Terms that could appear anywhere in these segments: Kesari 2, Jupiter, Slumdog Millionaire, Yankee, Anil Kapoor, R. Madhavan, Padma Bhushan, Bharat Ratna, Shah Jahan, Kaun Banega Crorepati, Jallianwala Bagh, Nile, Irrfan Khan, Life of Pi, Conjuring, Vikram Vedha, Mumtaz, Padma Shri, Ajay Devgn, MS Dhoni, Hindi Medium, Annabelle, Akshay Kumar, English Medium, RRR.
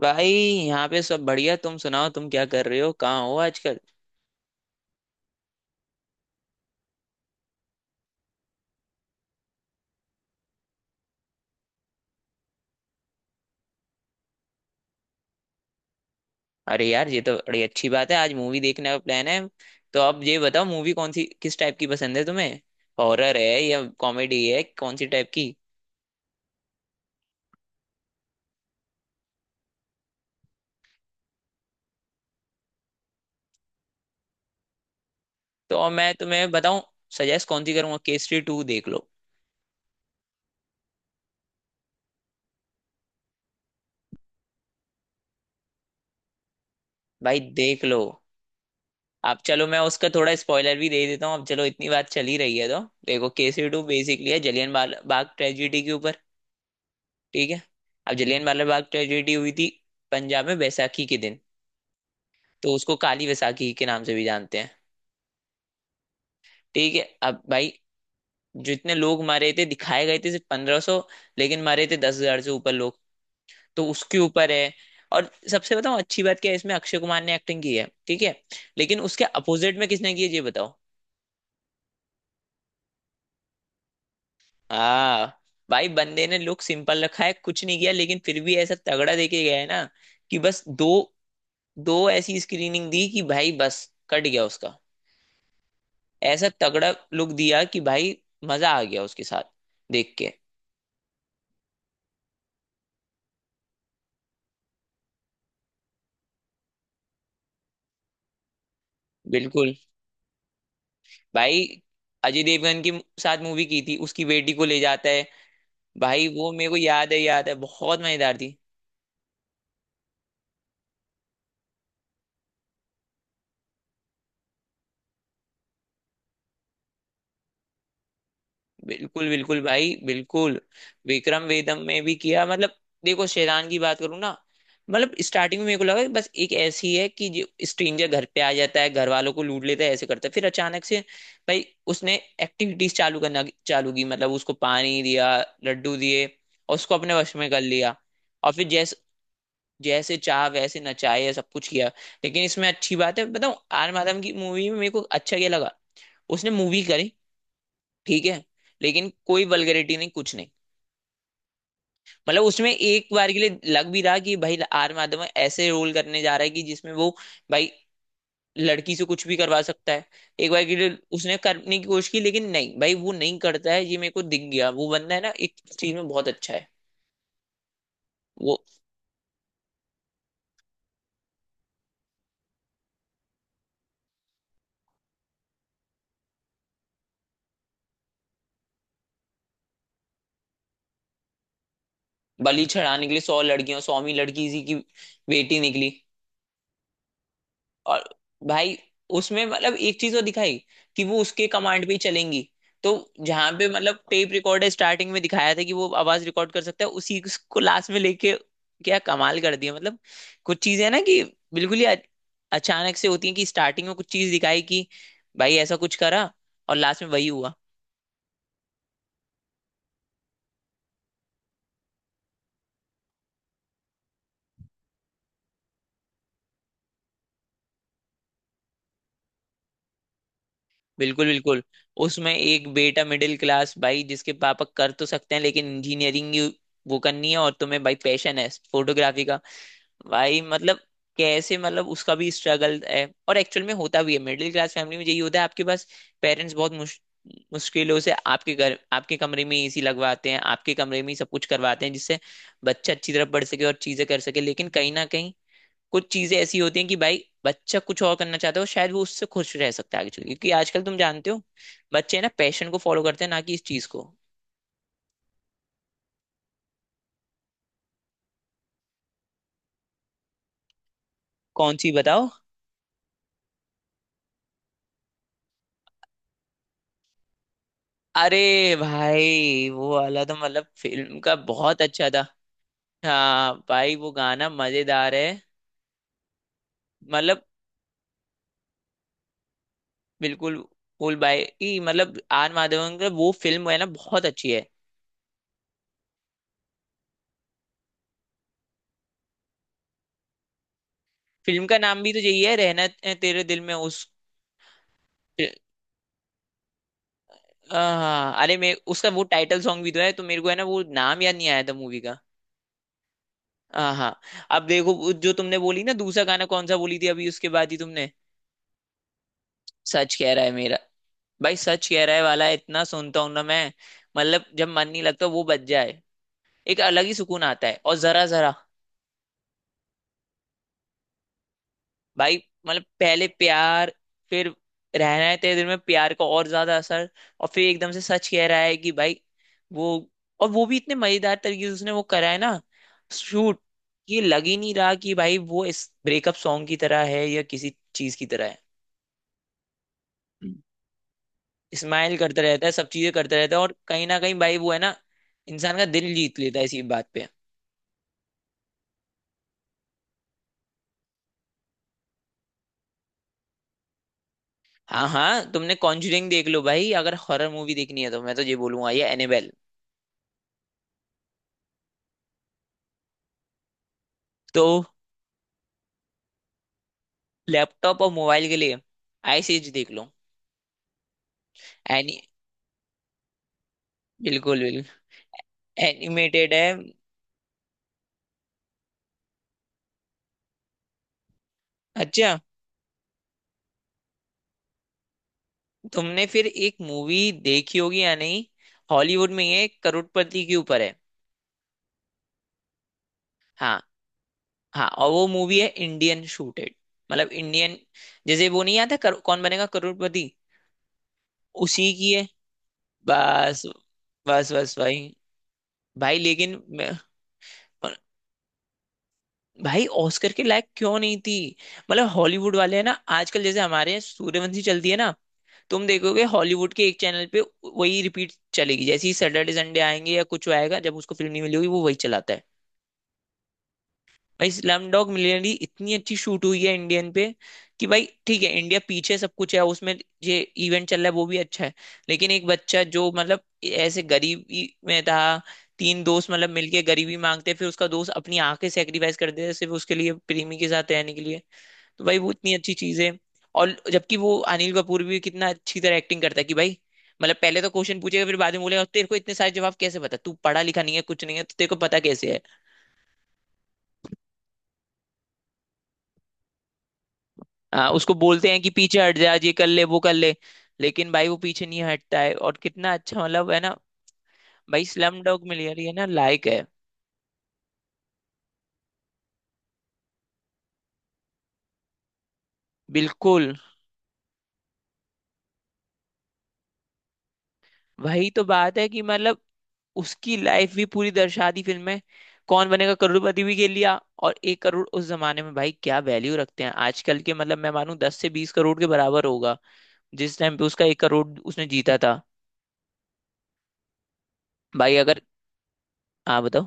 भाई यहाँ पे सब बढ़िया। तुम सुनाओ, तुम क्या कर रहे हो, कहाँ हो आजकल? अरे यार, ये तो बड़ी अच्छी बात है, आज मूवी देखने का प्लान है। तो अब ये बताओ, मूवी कौन सी, किस टाइप की पसंद है तुम्हें? हॉरर है या कॉमेडी है, कौन सी टाइप की? तो अब मैं तुम्हें बताऊं सजेस्ट कौन सी करूंगा, केसरी टू देख लो। भाई देख लो। आप चलो, मैं उसका थोड़ा स्पॉइलर भी दे देता हूँ, अब चलो इतनी बात चली रही है तो। देखो, केसरी टू बेसिकली है जलियन बाग ट्रेजिडी के ऊपर। ठीक है। अब जलियन वाला बाग ट्रेजिडी हुई थी पंजाब में बैसाखी के दिन। तो उसको काली वैसाखी के नाम से भी जानते हैं। ठीक है, अब भाई जितने लोग मारे थे दिखाए गए थे सिर्फ 1,500, लेकिन मारे थे 10,000 से ऊपर लोग। तो उसके ऊपर है। और सबसे बताओ अच्छी बात क्या है, इसमें अक्षय कुमार ने एक्टिंग की है। ठीक है। लेकिन उसके अपोजिट में किसने की है ये बताओ। हाँ, भाई बंदे ने लुक सिंपल रखा है, कुछ नहीं किया, लेकिन फिर भी ऐसा तगड़ा देके गया है ना कि बस दो दो ऐसी स्क्रीनिंग दी कि भाई बस कट गया उसका। ऐसा तगड़ा लुक दिया कि भाई मजा आ गया उसके साथ देख के। बिल्कुल। भाई अजय देवगन के साथ मूवी की थी, उसकी बेटी को ले जाता है। भाई वो मेरे को याद है, याद है, बहुत मजेदार थी। बिल्कुल बिल्कुल भाई बिल्कुल। विक्रम वेदम में भी किया मतलब। देखो, शेरान की बात करूँ ना, मतलब स्टार्टिंग में मेरे को लगा कि बस एक ऐसी है कि जो स्ट्रेंजर घर पे आ जाता है, घर वालों को लूट लेता है, ऐसे करता है, फिर अचानक से भाई उसने एक्टिविटीज चालू करना चालू की। मतलब उसको पानी दिया, लड्डू दिए, और उसको अपने वश में कर लिया। और फिर जैसे जैसे चाह वैसे नचाए या सब कुछ किया। लेकिन इसमें अच्छी बात है बताऊं, आर माधवन की मूवी में मेरे को अच्छा क्या लगा, उसने मूवी करी, ठीक है, लेकिन कोई वल्गरिटी नहीं, कुछ नहीं। मतलब उसमें एक बार के लिए लग भी रहा कि भाई आर माधवन ऐसे रोल करने जा रहा है कि जिसमें वो भाई लड़की से कुछ भी करवा सकता है। एक बार के लिए उसने करने की कोशिश की, लेकिन नहीं भाई वो नहीं करता है, ये मेरे को दिख गया। वो बंदा है ना एक चीज में बहुत अच्छा है। वो बलि चढ़ाने के लिए 100 लड़कियां, 100वीं लड़की इसी की बेटी निकली। और भाई उसमें मतलब एक चीज तो दिखाई कि वो उसके कमांड पे ही चलेंगी। तो जहां पे मतलब टेप रिकॉर्डर स्टार्टिंग में दिखाया था कि वो आवाज रिकॉर्ड कर सकता है, उसी को लास्ट में लेके क्या कमाल कर दिया मतलब। कुछ चीजें ना कि बिल्कुल ही अचानक से होती है, कि स्टार्टिंग में कुछ चीज दिखाई कि भाई ऐसा कुछ करा, और लास्ट में वही हुआ। बिल्कुल बिल्कुल। उसमें एक बेटा मिडिल क्लास भाई, जिसके पापा कर तो सकते हैं लेकिन इंजीनियरिंग वो करनी है, और तुम्हें भाई पैशन है फोटोग्राफी का। भाई मतलब कैसे, मतलब उसका भी स्ट्रगल है, और एक्चुअल में होता भी है, मिडिल क्लास फैमिली में यही होता है। आपके पास पेरेंट्स बहुत मुश्किलों से आपके घर आपके कमरे में एसी लगवाते हैं, आपके कमरे में ही सब कुछ करवाते हैं, जिससे बच्चा अच्छी तरह पढ़ सके और चीजें कर सके, लेकिन कहीं ना कहीं कुछ चीजें ऐसी होती हैं कि भाई बच्चा कुछ और करना चाहता है, और शायद वो उससे खुश रह सकता है आगे चल के। क्योंकि आजकल तुम जानते हो बच्चे है ना पैशन को फॉलो करते हैं, ना कि इस चीज को। कौन सी बताओ? अरे भाई, वो वाला तो मतलब फिल्म का बहुत अच्छा था। हाँ भाई वो गाना मजेदार है मतलब। बिल्कुल। फुल भाई की, मतलब आर माधवन का मतलब वो फिल्म है ना बहुत अच्छी है। फिल्म का नाम भी तो यही है, रहना तेरे दिल में उस। हाँ, अरे मैं उसका वो टाइटल सॉन्ग भी तो है, तो मेरे को है ना वो नाम याद नहीं आया था मूवी का। हाँ हाँ। अब देखो वो जो तुमने बोली ना दूसरा गाना, कौन सा बोली थी अभी उसके बाद ही तुमने। सच कह रहा है मेरा, भाई सच कह रहा है वाला इतना सुनता हूं ना मैं, मतलब जब मन नहीं लगता वो बज जाए, एक अलग ही सुकून आता है। और जरा जरा भाई, मतलब पहले प्यार, फिर रहना है तेरे दिल में प्यार का और ज्यादा असर, और फिर एकदम से सच कह रहा है कि भाई वो, और वो भी इतने मजेदार तरीके से उसने वो करा है ना, शूट। ये लग ही नहीं रहा कि भाई वो इस ब्रेकअप सॉन्ग की तरह है या किसी चीज की तरह है। हम्म। स्माइल करता रहता है, सब चीजें करता रहता है, और कहीं ना कहीं भाई वो है ना इंसान का दिल जीत लेता है इसी बात पे। हाँ हाँ, तुमने कॉन्जरिंग देख लो भाई, अगर हॉरर मूवी देखनी है तो मैं तो ये बोलूंगा, ये एनेबेल। तो लैपटॉप और मोबाइल के लिए आई सीरीज देख लो। एनी, बिल्कुल बिल्कुल, एनिमेटेड है। अच्छा, तुमने फिर एक मूवी देखी होगी या नहीं, हॉलीवुड में, ये करोड़पति के ऊपर है। हाँ हाँ, और वो मूवी है इंडियन शूटेड, मतलब इंडियन। जैसे वो नहीं आता, करो- कौन बनेगा करोड़पति, उसी की है। बस बस बस भाई। भाई लेकिन मैं, भाई ऑस्कर के लायक क्यों नहीं थी? मतलब हॉलीवुड वाले है ना आजकल, जैसे हमारे यहाँ सूर्यवंशी चलती है ना, तुम देखोगे हॉलीवुड के एक चैनल पे वही रिपीट चलेगी। जैसे ही सैटरडे संडे आएंगे या कुछ आएगा, जब उसको फिल्म नहीं मिलेगी वो वही चलाता है। भाई स्लमडॉग मिलियनेयर इतनी अच्छी शूट हुई है इंडियन पे, कि भाई ठीक है, इंडिया पीछे सब कुछ है उसमें, ये इवेंट चल रहा है, वो भी अच्छा है। लेकिन एक बच्चा जो मतलब ऐसे गरीबी में था, तीन दोस्त मतलब मिलके गरीबी मांगते, फिर उसका दोस्त अपनी आंखें सेक्रीफाइस कर देता है सिर्फ उसके लिए प्रेमी के साथ रहने के लिए। तो भाई वो इतनी अच्छी चीज है। और जबकि वो अनिल कपूर भी कितना अच्छी तरह एक्टिंग करता है कि भाई, मतलब पहले तो क्वेश्चन पूछेगा, फिर बाद में बोलेगा तेरे को इतने सारे जवाब कैसे पता, तू पढ़ा लिखा नहीं है, कुछ नहीं है, तो तेरे को पता कैसे है। हाँ, उसको बोलते हैं कि पीछे हट जा, आज ये कर ले वो कर ले, लेकिन भाई वो पीछे नहीं हटता है, और कितना अच्छा मतलब है ना। भाई स्लम डॉग मिलियनेयर है ना लायक है। बिल्कुल। वही तो बात है कि मतलब उसकी लाइफ भी पूरी दर्शा दी फिल्म में, कौन बनेगा करोड़पति भी खेल लिया, और 1 करोड़ उस जमाने में भाई क्या वैल्यू रखते हैं, आजकल के मतलब मैं मानूं 10 से 20 करोड़ के बराबर होगा जिस टाइम पे उसका 1 करोड़ उसने जीता था। भाई अगर, हाँ बताओ।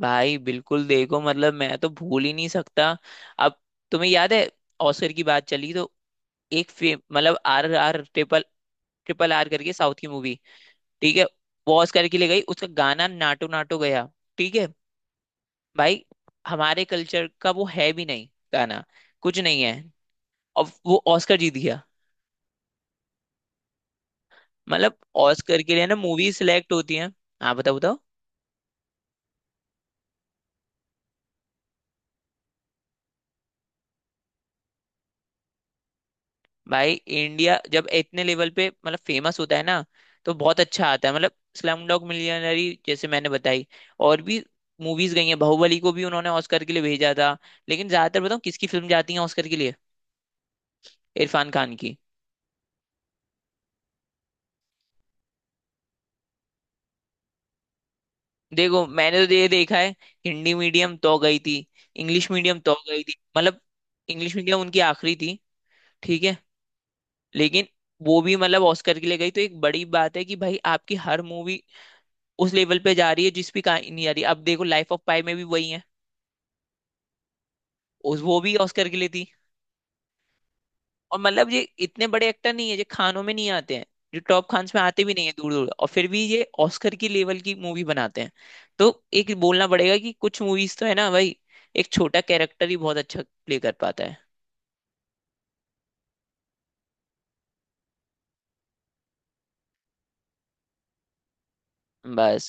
भाई बिल्कुल देखो मतलब मैं तो भूल ही नहीं सकता। अब तुम्हें याद है, ऑस्कर की बात चली तो, एक फेम मतलब R R triple, triple R करके साउथ की मूवी, ठीक है, वो ऑस्कर के लिए गई, उसका गाना नाटो नाटो गया। ठीक है, भाई हमारे कल्चर का वो है भी नहीं, गाना कुछ नहीं है, और वो ऑस्कर जीत गया। मतलब ऑस्कर के लिए ना मूवी सिलेक्ट होती है। हाँ बताओ बताओ। भाई इंडिया जब इतने लेवल पे मतलब फेमस होता है ना, तो बहुत अच्छा आता है। मतलब स्लम डॉग मिलियनरी जैसे मैंने बताई, और भी मूवीज गई हैं, बाहुबली को भी उन्होंने ऑस्कर के लिए भेजा था। लेकिन ज्यादातर बताऊं किसकी फिल्म जाती है ऑस्कर के लिए, इरफान खान की। देखो मैंने तो ये देखा है, हिंदी मीडियम तो गई थी, इंग्लिश मीडियम तो गई थी, मतलब इंग्लिश मीडियम उनकी आखिरी थी, ठीक है। लेकिन वो भी मतलब ऑस्कर के लिए गई, तो एक बड़ी बात है कि भाई आपकी हर मूवी उस लेवल पे जा रही है जिस भी कहानी नहीं आ रही। अब देखो लाइफ ऑफ पाई में भी वही है, उस वो भी ऑस्कर के लिए थी। और मतलब ये इतने बड़े एक्टर नहीं है, जो खानों में नहीं आते हैं, जो टॉप खान्स में आते भी नहीं है दूर दूर, और फिर भी ये ऑस्कर की लेवल की मूवी बनाते हैं। तो एक बोलना पड़ेगा कि कुछ मूवीज तो है ना भाई, एक छोटा कैरेक्टर ही बहुत अच्छा प्ले कर पाता है। बस।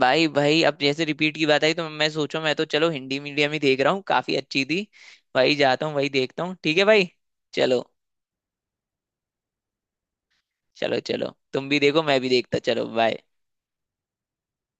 भाई भाई, अब जैसे रिपीट की बात आई, तो मैं सोचो मैं तो चलो हिंदी मीडियम ही देख रहा हूँ, काफी अच्छी थी, वही जाता हूँ, वही देखता हूँ, ठीक है भाई। चलो चलो चलो, तुम भी देखो मैं भी देखता, चलो बाय।